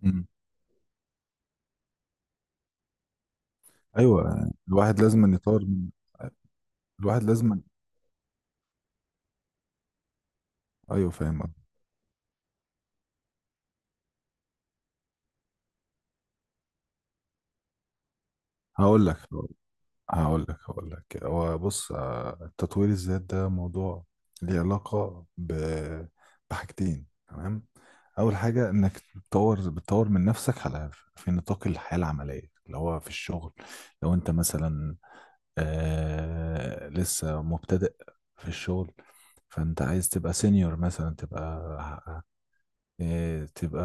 مم. ايوه الواحد لازم يطور من الواحد لازم ايوه فاهم قصدك. هقول لك هقول هقول لك هو بص، تطوير الذات ده موضوع ليه علاقة ب... بحاجتين. تمام، اول حاجة انك بتطور من نفسك على في نطاق الحياة العملية اللي هو في الشغل. لو انت مثلا لسه مبتدئ في الشغل، فانت عايز تبقى سينيور مثلا، تبقى تبقى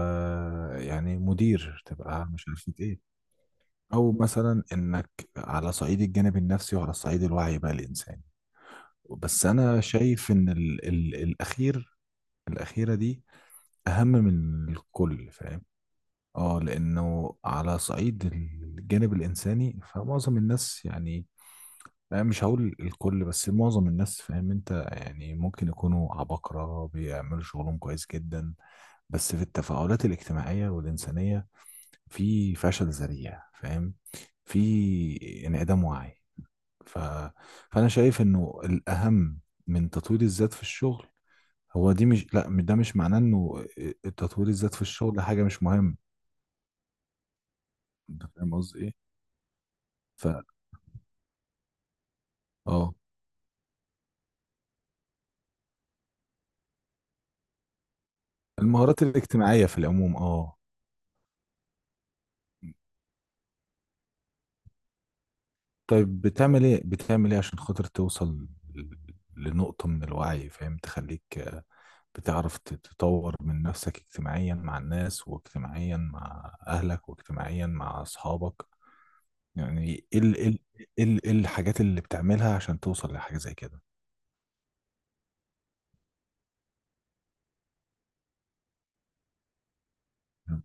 يعني مدير، تبقى مش عارفة ايه. او مثلا انك على صعيد الجانب النفسي وعلى صعيد الوعي بقى الانساني. بس انا شايف ان ال الاخير الاخيرة دي اهم من الكل، فاهم؟ اه، لانه على صعيد الجانب الانساني، فمعظم الناس يعني أنا مش هقول الكل بس معظم الناس، فاهم انت يعني؟ ممكن يكونوا عباقرة بيعملوا شغلهم كويس جدا، بس في التفاعلات الاجتماعية والإنسانية في فشل ذريع، فاهم؟ في انعدام وعي. ف... فانا شايف انه الاهم من تطوير الذات في الشغل هو دي. مش لا، ده مش معناه انه تطوير الذات في الشغل حاجه مش مهم. انت فاهم قصدي ايه؟ ف اه، المهارات الاجتماعيه في العموم، اه. طيب بتعمل ايه، بتعمل ايه عشان خاطر توصل لنقطه من الوعي، فاهم؟ تخليك بتعرف تطور من نفسك اجتماعيا مع الناس، واجتماعيا مع أهلك، واجتماعيا مع أصحابك. يعني ايه إيه الحاجات اللي بتعملها عشان توصل لحاجة زي كده؟ مم.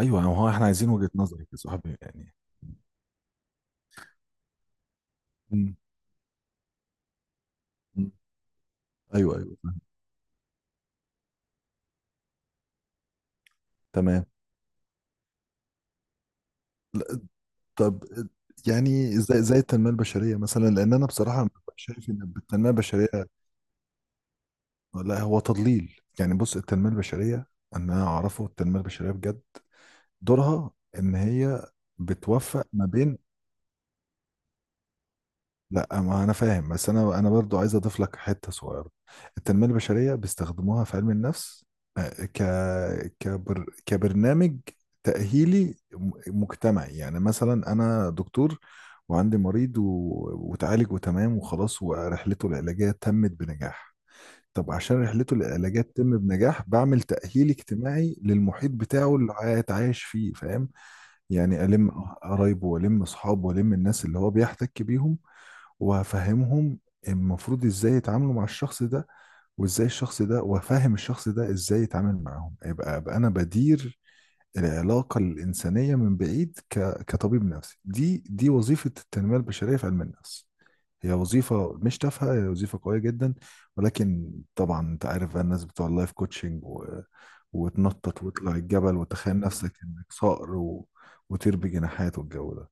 ايوه، هو احنا عايزين وجهة نظرك يا صاحبي يعني. مم. مم. ايوه ايوه فاهم. تمام. لا، طب يعني زي زي التنميه البشريه مثلا، لان انا بصراحه ببقى شايف ان التنميه البشريه لا هو تضليل يعني. بص التنميه البشريه انا اعرفه، التنميه البشريه بجد دورها ان هي بتوفق ما بين... لا ما انا فاهم، بس انا انا برضو عايز اضيف لك حته صغيره. التنميه البشريه بيستخدموها في علم النفس، آه، ك كبر كبرنامج تاهيلي مجتمعي. يعني مثلا انا دكتور وعندي مريض و... وتعالج وتمام وخلاص ورحلته العلاجيه تمت بنجاح. طب عشان رحلته العلاجيه تتم بنجاح، بعمل تأهيل اجتماعي للمحيط بتاعه اللي هيتعايش فيه، فاهم؟ يعني ألم قرايبه، وألم أصحابه، وألم الناس اللي هو بيحتك بيهم، وأفهمهم المفروض إزاي يتعاملوا مع الشخص ده، وإزاي الشخص ده، وأفهم الشخف ده إزاي يتعامل معاهم. يبقى أبقى أنا بدير العلاقة الإنسانية من بعيد كطبيب نفسي. دي وظيفة التنمية البشرية في علم النفس. هي وظيفة مش تافهة، هي وظيفة قوية جدا. ولكن طبعا انت عارف بقى الناس بتوع اللايف كوتشنج و... وتنطط وتطلع الجبل وتخيل نفسك انك صقر و... وطير بجناحات والجو ده.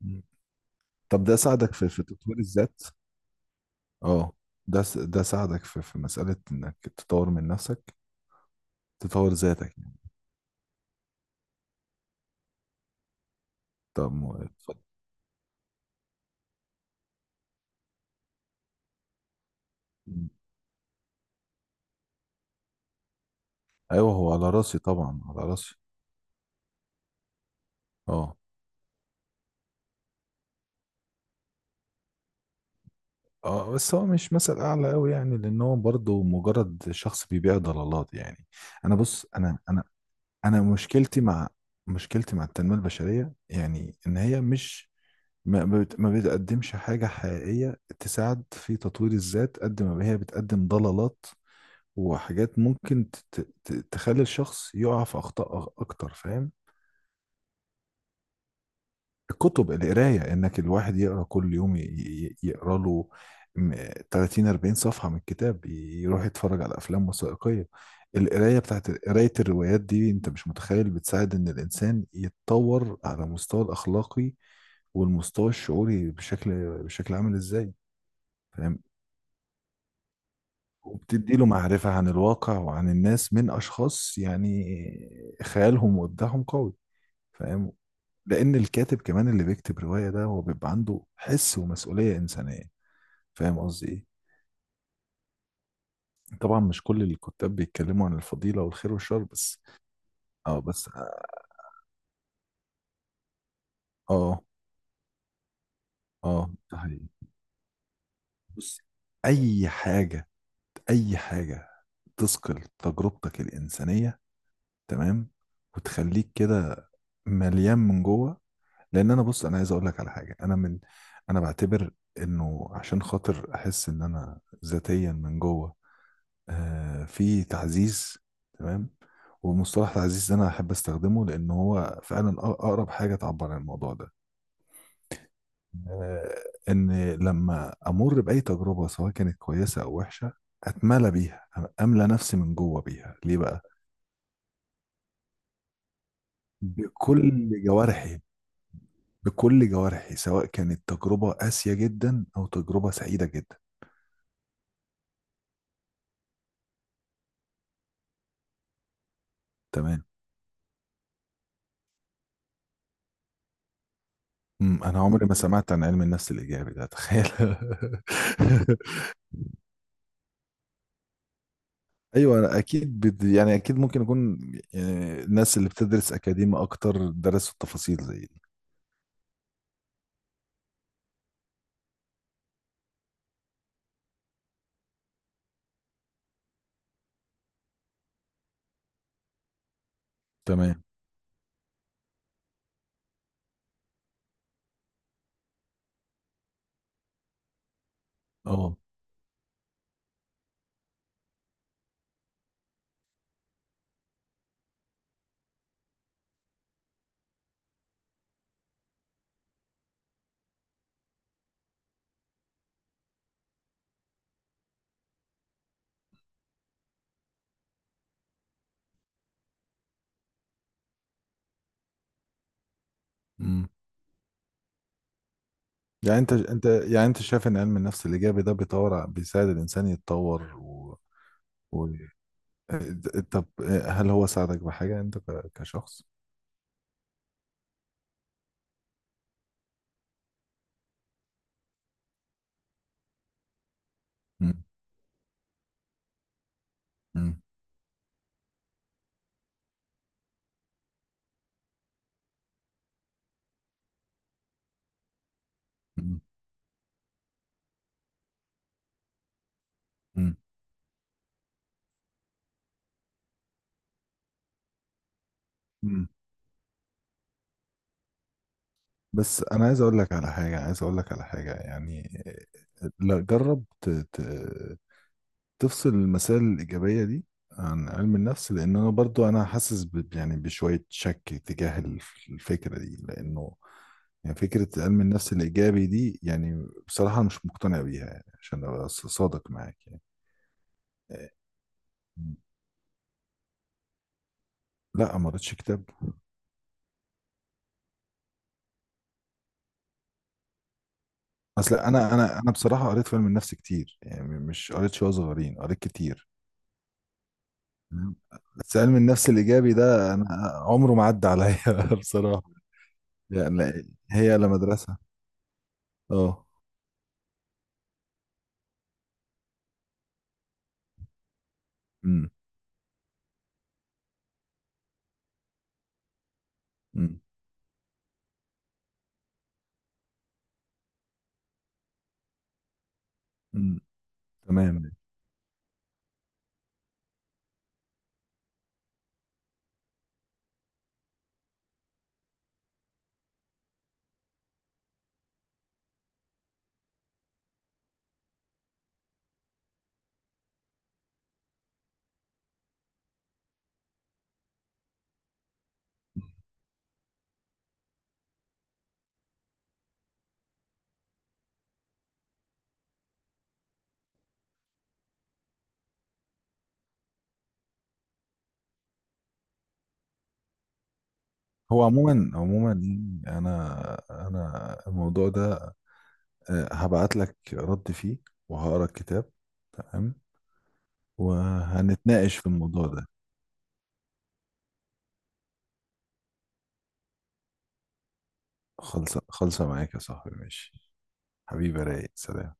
مم. طب ده ساعدك في في تطوير الذات؟ اه، ده ساعدك في في مسألة انك تطور من نفسك، تطور ذاتك يعني. طب اتفضل. مم. ايوه، هو على راسي طبعا، على راسي. اه اه، بس هو مش مثل اعلى قوي يعني، لان هو برضه مجرد شخص بيبيع ضلالات يعني. انا بص انا انا مشكلتي مع مشكلتي مع التنميه البشريه يعني، ان هي مش ما ما ما بتقدمش حاجه حقيقيه تساعد في تطوير الذات قد ما هي بتقدم ضلالات وحاجات ممكن تخلي الشخص يقع في اخطاء اكتر، فاهم؟ الكتب، القراية، انك الواحد يقرا كل يوم يقرا له م- 30 40 صفحة من كتاب، يروح يتفرج على افلام وثائقية. القراية بتاعت قراية الروايات دي انت مش متخيل بتساعد ان الانسان يتطور على مستوى الاخلاقي والمستوى الشعوري بشكل بشكل عامل ازاي. فاهم؟ وبتدي له معرفة عن الواقع وعن الناس من اشخاص يعني خيالهم وابداعهم قوي، فاهم؟ لان الكاتب كمان اللي بيكتب روايه ده هو بيبقى عنده حس ومسؤوليه انسانيه. فاهم قصدي ايه؟ طبعا مش كل الكتاب بيتكلموا عن الفضيله والخير والشر بس. اه بس اه، اه، ده حقيقي. بص، اي حاجه، اي حاجه تثقل تجربتك الانسانيه، تمام، وتخليك كده مليان من جوه. لان انا بص انا عايز اقول لك على حاجه. انا من انا بعتبر انه عشان خاطر احس ان انا ذاتيا من جوه في تعزيز، تمام. ومصطلح تعزيز ده انا احب استخدمه لان هو فعلا اقرب حاجه تعبر عن الموضوع ده. آه، ان لما امر باي تجربه سواء كانت كويسه او وحشه، اتملى بيها، املى نفسي من جوه بيها. ليه بقى؟ بكل جوارحي، بكل جوارحي، سواء كانت تجربه قاسيه جدا او تجربه سعيده جدا. تمام. انا عمري ما سمعت عن علم النفس الايجابي ده، تخيل. ايوه، أنا اكيد يعني اكيد ممكن يكون يعني الناس اللي بتدرس اكاديمي اكتر درسوا التفاصيل زي دي. تمام. اه، امم. يعني انت، انت يعني انت شايف ان علم النفس الايجابي ده بيطور بيساعد الانسان يتطور و... و... طب هل هو ساعدك بحاجه انت كشخص؟ امم. امم. امم. امم. أمم. بس انا عايز اقول لك على حاجه، عايز اقول لك على حاجه يعني. لا، جرب تفصل المسائل الإيجابية دي عن علم النفس، لأن أنا برضو أنا حاسس يعني بشوية شك تجاه الفكرة دي، لأنه يعني فكرة علم النفس الإيجابي دي يعني بصراحة أنا مش مقتنع بيها يعني، عشان أبقى صادق معاك يعني. إيه، لا ما قريتش كتاب. أصل أنا أنا بصراحة قريت في علم النفس كتير يعني، مش قريت شوية صغيرين، قريت كتير. تمام. بس علم النفس الإيجابي ده أنا عمره ما عدى عليا بصراحة. يعني هي لا مدرسة. أه. أمم. إمم. مم. تمام. هو عموما، عموما يعني انا انا الموضوع ده هبعت لك رد فيه وهقرا الكتاب، تمام، وهنتناقش في الموضوع ده. خلصة، خلصة معاك يا صاحبي، ماشي. حبيبي، رايق، سلام.